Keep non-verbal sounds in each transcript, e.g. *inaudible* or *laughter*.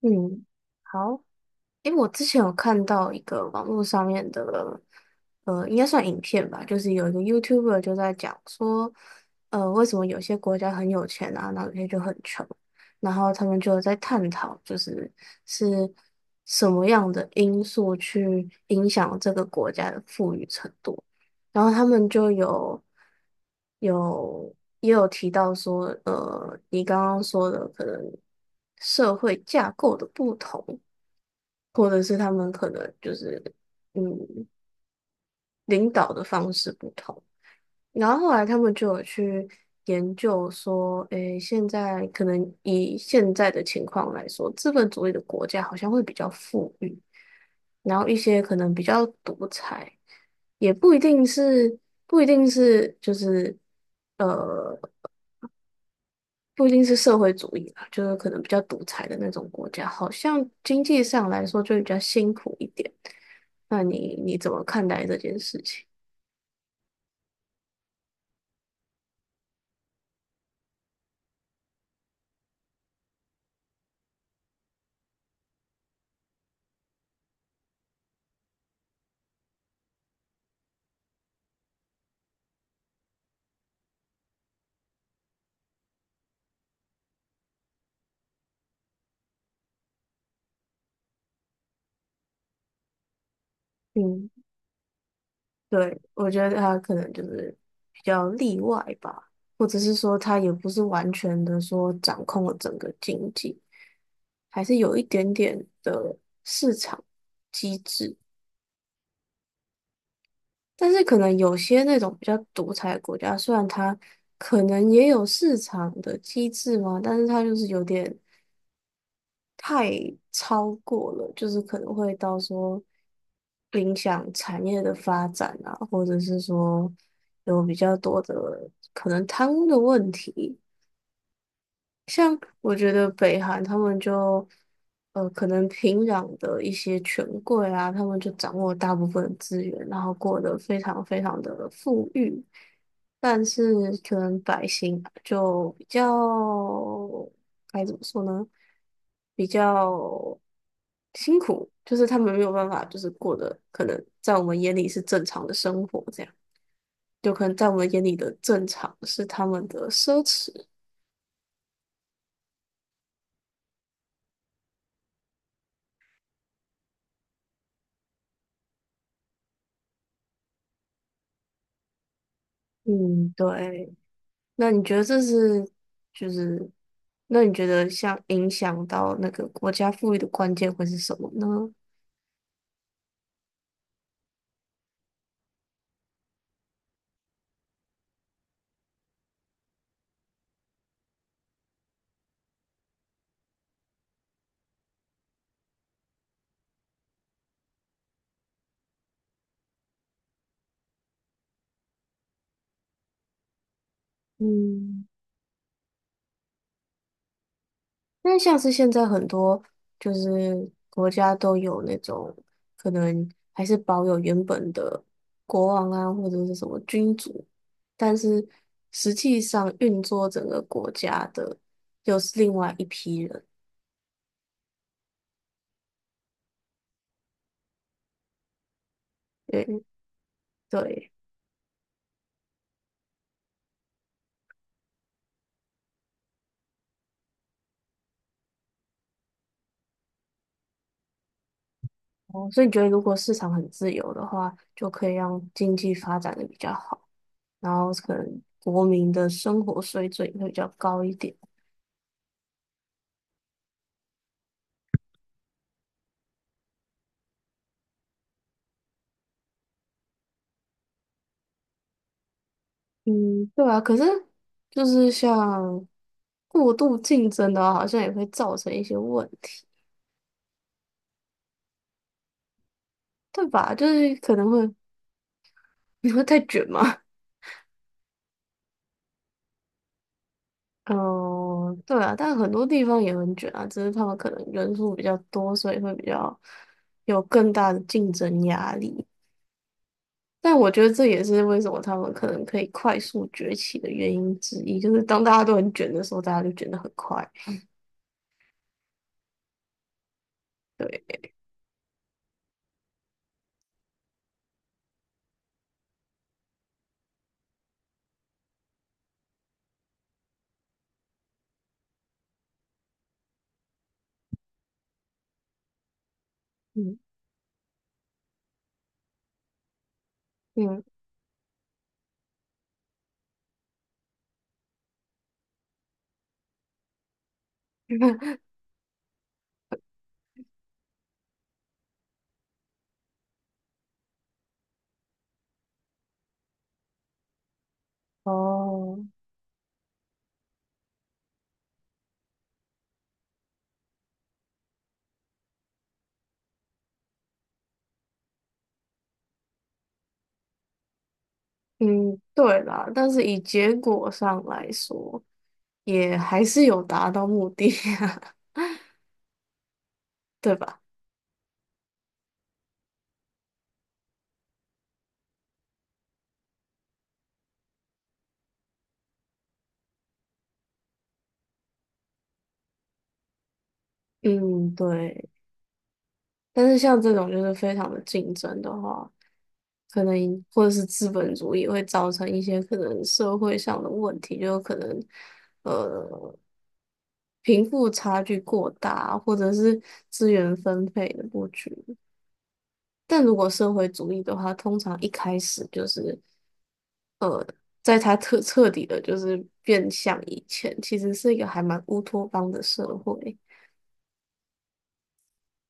嗯，好，诶，我之前有看到一个网络上面的，应该算影片吧，就是有一个 YouTuber 就在讲说，为什么有些国家很有钱啊，然后有些就很穷，然后他们就在探讨，是什么样的因素去影响这个国家的富裕程度，然后他们就有也有提到说，你刚刚说的可能社会架构的不同。或者是他们可能嗯领导的方式不同。然后后来他们就有去研究说，诶，现在可能以现在的情况来说，资本主义的国家好像会比较富裕，然后一些可能比较独裁，也不一定是就是。呃。不一定是社会主义啦，就是可能比较独裁的那种国家，好像经济上来说就比较辛苦一点。那你怎么看待这件事情？嗯，对，我觉得他可能就是比较例外吧，或者是说他也不是完全的说掌控了整个经济，还是有一点点的市场机制。但是可能有些那种比较独裁的国家，虽然它可能也有市场的机制嘛，但是它就是有点太超过了，就是可能会到时候影响产业的发展啊，或者是说有比较多的可能贪污的问题。我觉得北韩他们就，可能平壤的一些权贵啊，他们就掌握大部分的资源，然后过得非常非常的富裕，但是可能百姓就比较，该怎么说呢？比较辛苦，就是他们没有办法，就是过得可能在我们眼里是正常的生活，这样，就可能在我们眼里的正常是他们的奢侈。嗯，对。那你觉得这是就是，那你觉得像影响到那个国家富裕的关键会是什么呢？嗯，那像是现在很多就是国家都有那种可能还是保有原本的国王啊，或者是什么君主，但是实际上运作整个国家的又是另外一批人。对，对，哦，所以你觉得如果市场很自由的话，就可以让经济发展的比较好。然后可能国民的生活水准会比较高一点。嗯，对啊，可是就是像过度竞争的话，好像也会造成一些问题，对吧？就是可能会你会太卷吗？*laughs* 嗯，对啊，但很多地方也很卷啊，只是他们可能人数比较多，所以会比较有更大的竞争压力。但我觉得这也是为什么他们可能可以快速崛起的原因之一，就是当大家都很卷的时候，大家就卷得很快。对，嗯。嗯，*laughs* 哦，嗯，对啦，但是以结果上来说，也还是有达到目的啊，*laughs* 对吧？嗯，对。但是像这种就是非常的竞争的话，可能或者是资本主义会造成一些可能社会上的问题，就可能呃贫富差距过大，或者是资源分配的不均。但如果社会主义的话，通常一开始就是。在它彻彻底的，就是变相以前，其实是一个还蛮乌托邦的社会。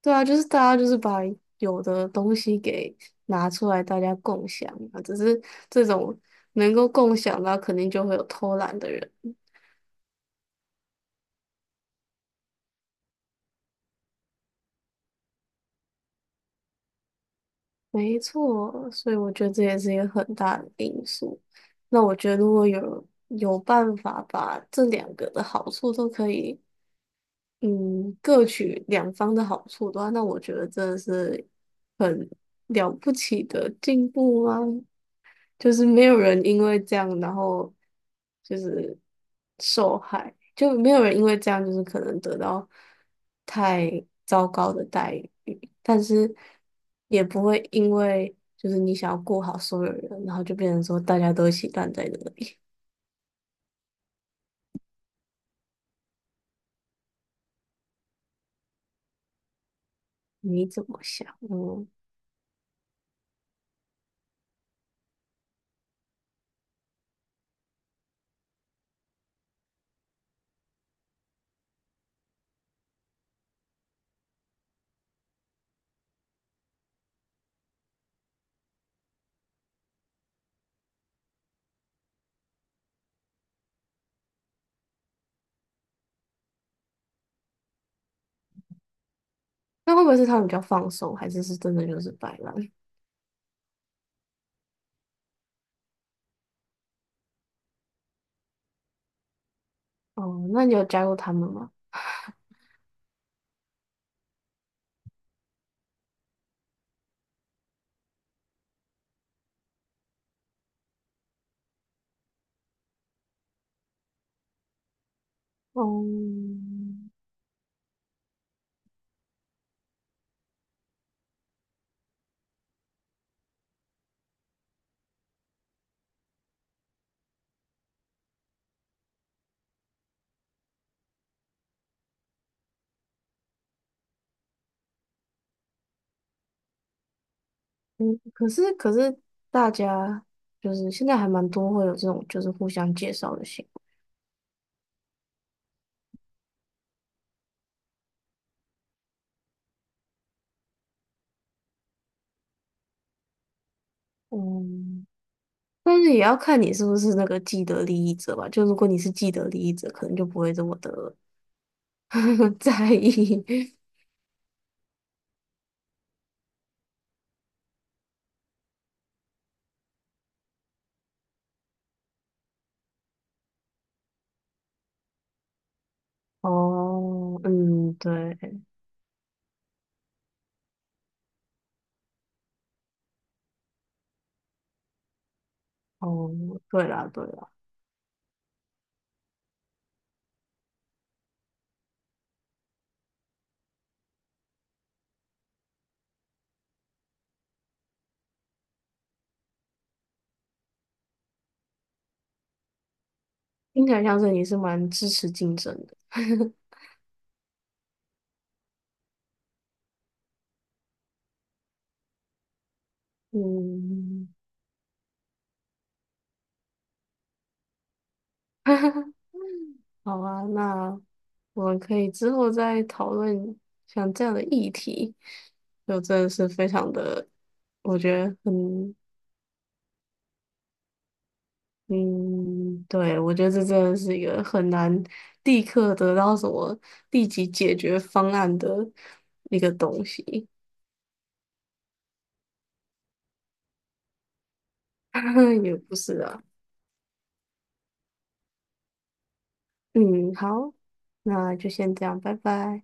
对啊，就是大家就是把有的东西给拿出来，大家共享啊。只是这种能够共享的，肯定就会有偷懒的人。没错，所以我觉得这也是一个很大的因素。那我觉得如果有办法把这两个的好处都可以嗯，各取两方的好处的话，那我觉得真的是很了不起的进步啊！就是没有人因为这样，然后就是受害，就没有人因为这样就是可能得到太糟糕的待遇，但是也不会因为就是你想要顾好所有人，然后就变成说大家都一起烂在那里。你怎么想？嗯，那会不会是他们比较放松，还是是真的就是摆烂？哦，那你有加入他们吗？哦，嗯，可是大家就是现在还蛮多会有这种就是互相介绍的行为，嗯，但是也要看你是不是那个既得利益者吧。就如果你是既得利益者，可能就不会这么的 *laughs* 在意。哦，嗯，对，哦，对啦，对啦，听起来像是你是蛮支持竞争的，*laughs* 嗯。*laughs* 好啊，那我们可以之后再讨论像这样的议题，就真的是非常的，我觉得很，嗯，对，我觉得这真的是一个很难立刻得到什么立即解决方案的一个东西，*laughs* 也不是啊，嗯，好，那就先这样，拜拜。